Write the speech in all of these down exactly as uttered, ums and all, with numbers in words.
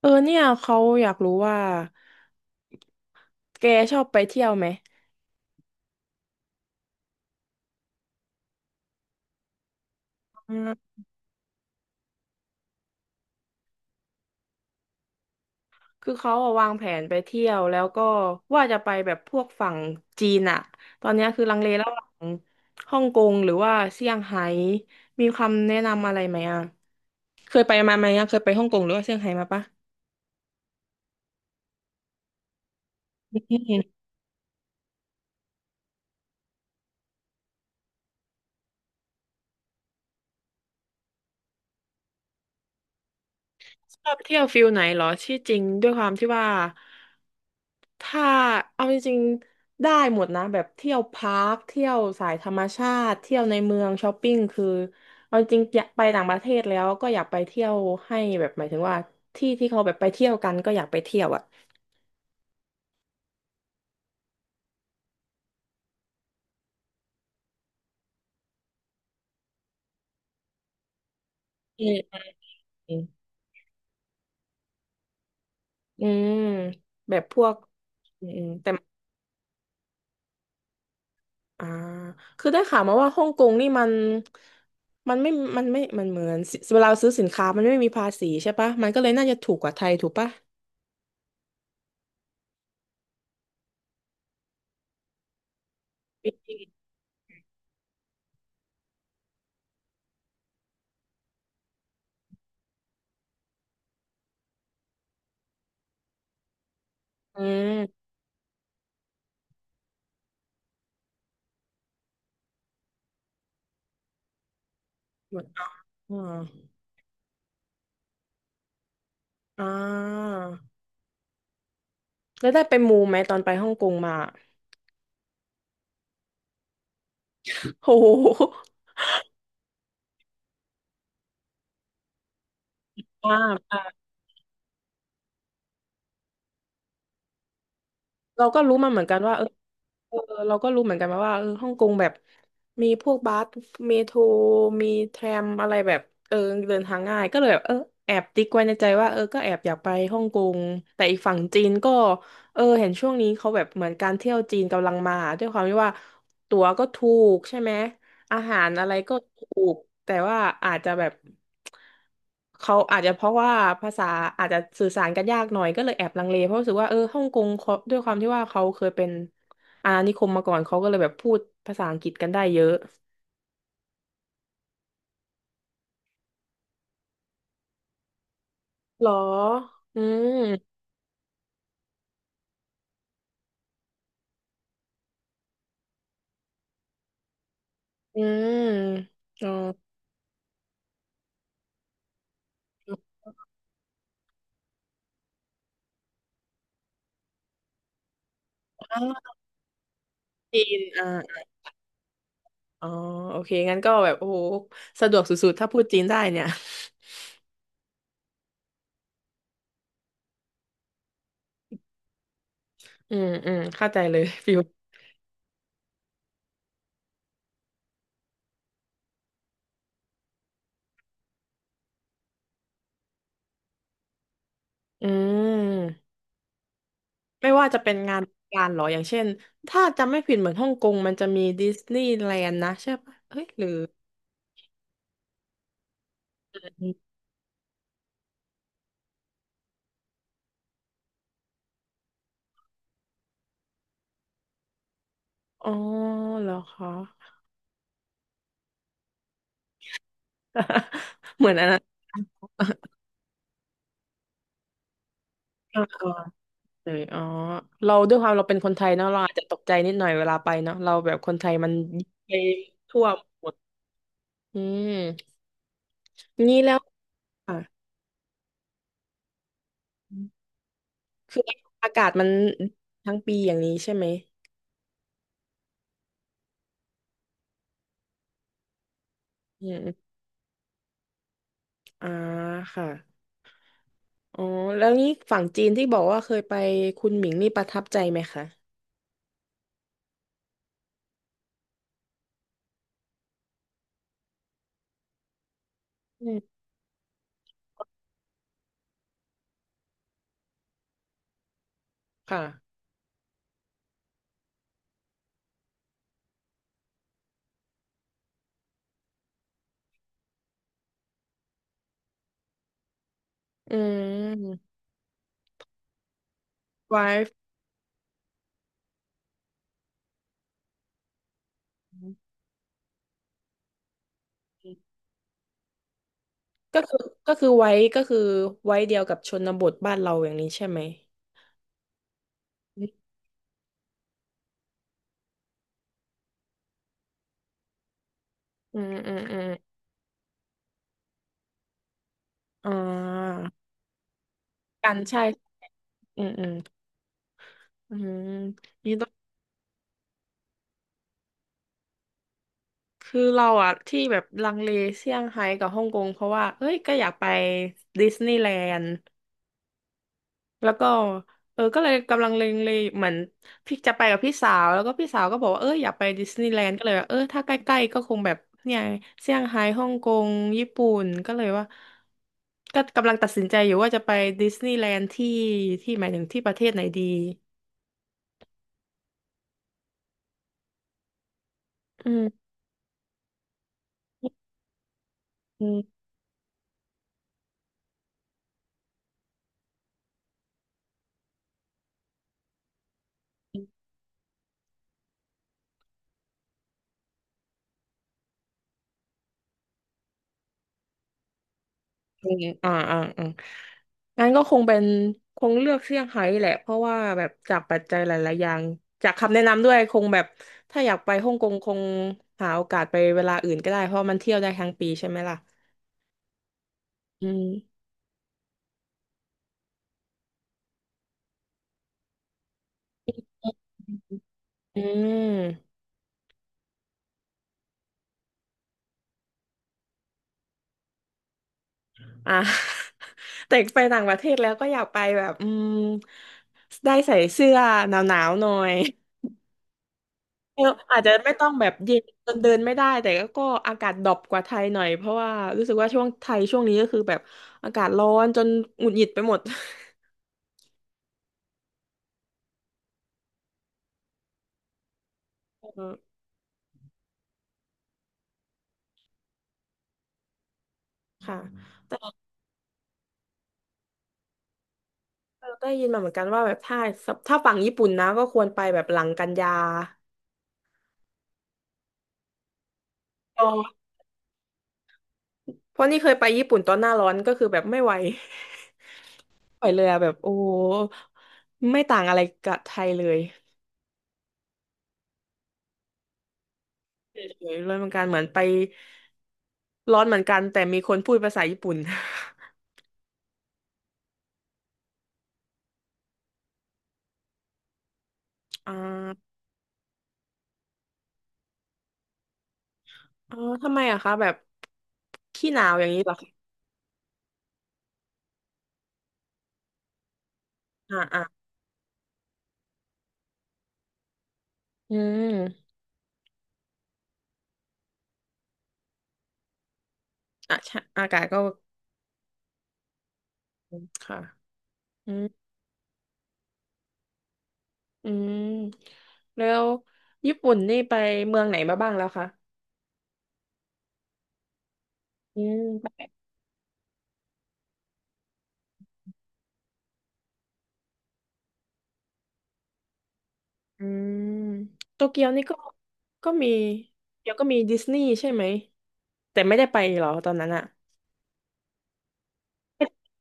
เออเนี่ยเขาอยากรู้ว่าแกชอบไปเที่ยวไหมอืมคือเขาอะวางแผนไปเที่ยวแล้วก็ว่าจะไปแบบพวกฝั่งจีนอะตอนเนี้ยคือลังเลระหว่างฮ่องกงหรือว่าเซี่ยงไฮ้มีคำแนะนำอะไรไหมอะเคยไปมาไหมอะเคยไปฮ่องกงหรือว่าเซี่ยงไฮ้มาปะ ชอบเที่ยวฟิลไหนเหรอที่จริงด้วยความที่ว่าถ้าเอาจริงๆได้หมดนะแบบเที่ยวพาร์คเที่ยวสายธรรมชาติเที่ยวในเมืองช้อปปิ้งคือเอาจริงอยากไปต่างประเทศแล้วก็อยากไปเที่ยวให้แบบหมายถึงว่าที่ที่เขาแบบไปเที่ยวกันก็อยากไปเที่ยวอ่ะอืมอืมแบบพวกอืมอืมแต่ อ่าคือได้ข่าวมาว่าฮ่องกงนี่มัน มันไม่มันไม่มันเหมือนสิเวลาซื้อสินค้ามันไม่มีภาษีใช่ปะ มันก็เลยน่าจะถูกกว่าไทยถูกปะ อืมเหมือนอ่าอ่าแล้วได้ไปมูไหมตอนไปฮ่องกงมาโหอ่า เราก็รู้มาเหมือนกันว่าเออเออเราก็รู้เหมือนกันมาว่าเออฮ่องกงแบบมีพวกบัสเมโทรมีแทรมอะไรแบบเออเดินทางง่ายก็เลยแบบเออแอบติ๊กไว้ในใจว่าเออก็แอบอยากไปฮ่องกงแต่อีกฝั่งจีนก็เออเห็นช่วงนี้เขาแบบเหมือนการเที่ยวจีนกำลังมาด้วยความที่ว่าตั๋วก็ถูกใช่ไหม อาหารอะไรก็ถูกแต่ว่าอาจจะแบบเขาอาจจะเพราะว่าภาษาอาจจะสื่อสารกันยากหน่อยก็เลยแอบลังเลเพราะรู้สึกว่าเออฮ่องกงเขาด้วยความที่ว่าเขาเคยเป็นอาณานิคมมาก่อนเขาก็เลยแบบพูดภาษาอังกฤษกันได้เยอะหรออืมอืมอ๋ออ้าวจีนอ่าอ๋อโอเคงั้นก็แบบโอ้โหสะดวกสุดๆถ้าพูดจีนได้เนี่ยอืมอืมเข้าใจเลยฟิลอืม ไม่ว่าจะเป็นงานการหรออย่างเช่นถ้าจำไม่ผิดเหมือนฮ่องกงมันจะมีดิสนีย์แลนด์นะใช่ปะเฮ้ยหรืออ๋อเหรอคะ เหมือนอันนั้น เออเลยอ๋อเราด้วยความเราเป็นคนไทยเนาะเราอาจจะตกใจนิดหน่อยเวลาไปเนาะเราแบบคนไทยมันไปทั่วหมดอืมงี้แล้วอ่ะคืออากาศมันทั้งปีอย่างนี้ใช่ไหมอืมอ่าค่ะ อ๋อแล้วนี่ฝั่งจีนที่บอกว่าเคยไปคุณหมิงนี่ประทับใจไหมคะอืมค่ะอืมไว้ก็คือก็คือไว้ก็คือไว้เดียวกับชนบทบ้านเราอย่างนี้ใช่ไหมอืมอืมอืมอมอ่ากันใช่อืมอืมอืมนี่ต้องคือเราอะที่แบบลังเลเซี่ยงไฮ้กับฮ่องกงเพราะว่าเอ้ยก็อยากไปดิสนีย์แลนด์ แล้วก็เออก็เลยกำลังเลงเลเหมือนพี่จะไปกับพี่สาวแล้วก็พี่สาวก็บอกว่าเอออยากไปดิสนีย์แลนด์ก็เลยว่าเออถ้าใกล้ๆก็คงแบบเนี่ยเซี่ยงไฮ้ฮ่องกงญี่ปุ่นก็เลยว่าก็กำลังตัดสินใจอยู่ว่าจะไปดิสนีย์แลนด์ที่ที่หมายถึงที่ประเทศไหนดีอืมอืม อืมอ่าอ่าอ่างั้นก็คงเป็นคงเลือกเซี่ยงไฮ้แหละ เพราะว่าแบบจากปัจจัยหลายๆอย่างจากคำแนะนำด้วยคงแบบถ้าอยากไปฮ่องกงคงหาโอกาสไปเวลาอื่นก็ได้เพราะมันเที่ยวได้ทั้งปีใช่ไหมล่ะ อืมอืมอ่ะ แต่ไปต่างประเทศแล้วก็อยากไปแบบอืมได้ใส่เสื้อหนาวๆหน่อย เอออาจจะไม่ต้องแบบเย็นจนเดินไม่ได้แต่ก็อากาศดรอปกว่าไทยหน่อยเพราะว่ารู้สึกว่าช่วงไทยช่วงนี้ก็คือแบบอากาศร้อนจนหงุดหงิดไปหมดเออ ค่ะแต่เราได้ยินมาเหมือนกันว่าแบบถ้าถ้าฝั่งญี่ปุ่นนะก็ควรไปแบบหลังกันยาเออเพราะนี่เคยไปญี่ปุ่นตอนหน้าร้อนก็คือแบบไม่ไหว ไม่ไหวเลยอะแบบโอ้โหไม่ต่างอะไรกับไทยเลยเฉยๆเลยเหมือนกันเหมือนไปร้อนเหมือนกันแต่มีคนพูดภาษาญี่ปุ่น อ่า อ๋อทำไมอะคะแบบขี้หนาวอย่างนี้เหรอคะอ่าอ่าอืมอ่ะใช่อากาศก็ ค่ะ อืมอืมแล้วญี่ปุ่นนี่ไปเมืองไหนมาบ้างแล้วคะอืมไปอืมโตเกียวนี่ก็ก็มีเดี๋ยวก็มีดิสนีย์ใช่ไหมแต่ไม่ได้ไปเหรอตอนนั้นอะ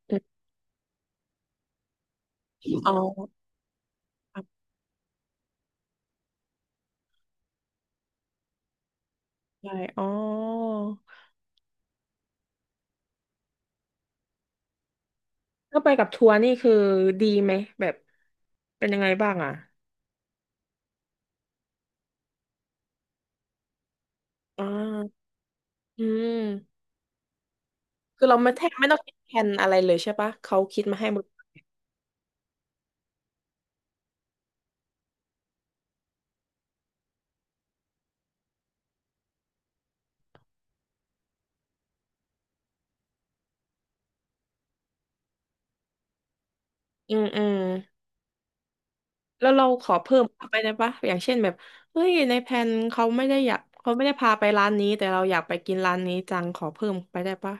อืมอ๋อครับใช่อ๋อถ้าไปกับทัวร์นี่คือดีไหมแบบเป็นยังไงบ้างอะอ่าอืม คือเราไม่แทบไม่ต้องคิดแทนอะไรเลยใช่ปะเขาคิดมาให้หมดอืมอืมแล้วเราขอเพิ่มเข้าไปได้ปะอย่างเช่นแบบเฮ้ยในแผนเขาไม่ได้อยากเขาไม่ได้พาไปร้านนี้แต่เราอยากไปกินร้านนี้จังขอเพิ่มไปได้ปะ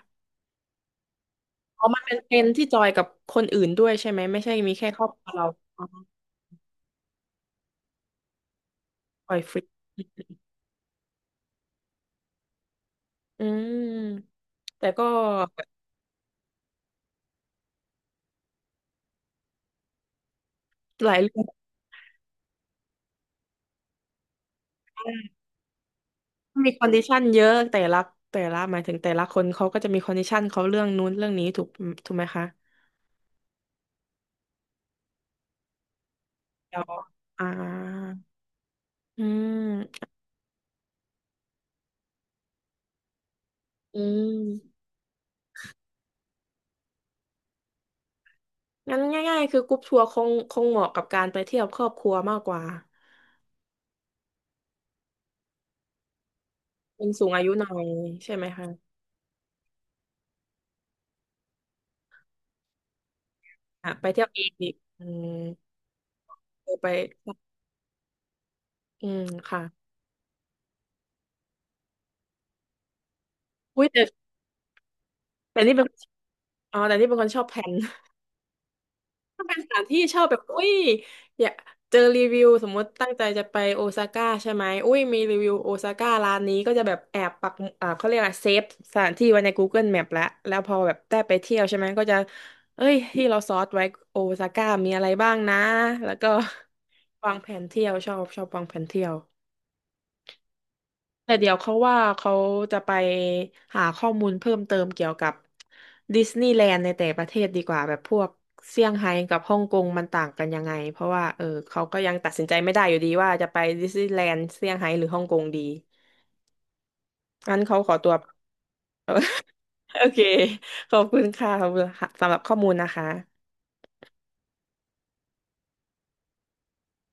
อ๋อมันเป็นเพนที่จอยกับคนอื่นด้วยใช่ไหมไม่ใช่มีแค่ครอบครัวเราอ๋อปล่อยฟรีอืมแต่ก็หลายเรื่องมีคอนดิชันเยอะแต่ละแต่ละหมายถึงแต่ละคนเขาก็จะมีคอนดิชันเขาเรื่องนู้นเรื่องนี้ถูกถูกไหมคะเดี๋ยวอ่า อืมอืมงั้นง่ายๆคือกรุ๊ปทัวร์คงคงเหมาะกับการไปเที่ยวครอบครัวมากกว่าเป็นสูงอายุหน่อยใช่ไหมคะอ่ะไปเที่ยวเองอีกอืมเออไปอืมค่ะอุ้ยแต่แต่นี่เป็นอ๋อแต่นี่เป็นคนชอบแพน ถ้าเป็นสถานที่ชอบแบบอุ้ยอยากเจอรีวิวสมมติตั้งใจจะไปโอซาก้าใช่ไหมอุ้ยมีรีวิวโอซาก้าร้านนี้ก็จะแบบแอบปักอ่าเขาเรียกอะไรเซฟสถานที่ไว้ใน กูเกิล แมพ แล้วแล้วพอแบบได้ไปเที่ยวใช่ไหมก็จะเอ้ยที่เราซอร์สไว้โอซาก้ามีอะไรบ้างนะแล้วก็ วางแผนเที่ยวชอบชอบวางแผนเที่ยว แต่เดี๋ยวเขาว่าเขาจะไปหาข้อมูลเพิ่มเติมเกี่ยวกับดิสนีย์แลนด์ในแต่ประเทศดีกว่าแบบพวกเซี่ยงไฮ้กับฮ่องกงมันต่างกันยังไงเพราะว่าเออเขาก็ยังตัดสินใจไม่ได้อยู่ดีว่าจะไปดิสนีย์แลนด์เซี่ยงไฮ้หรือฮ่องกงดีงั้นเขาขอตัว โอเคขอบคุณค่ะขอบคุณค่ะสำหรับข้อมูลนะคะ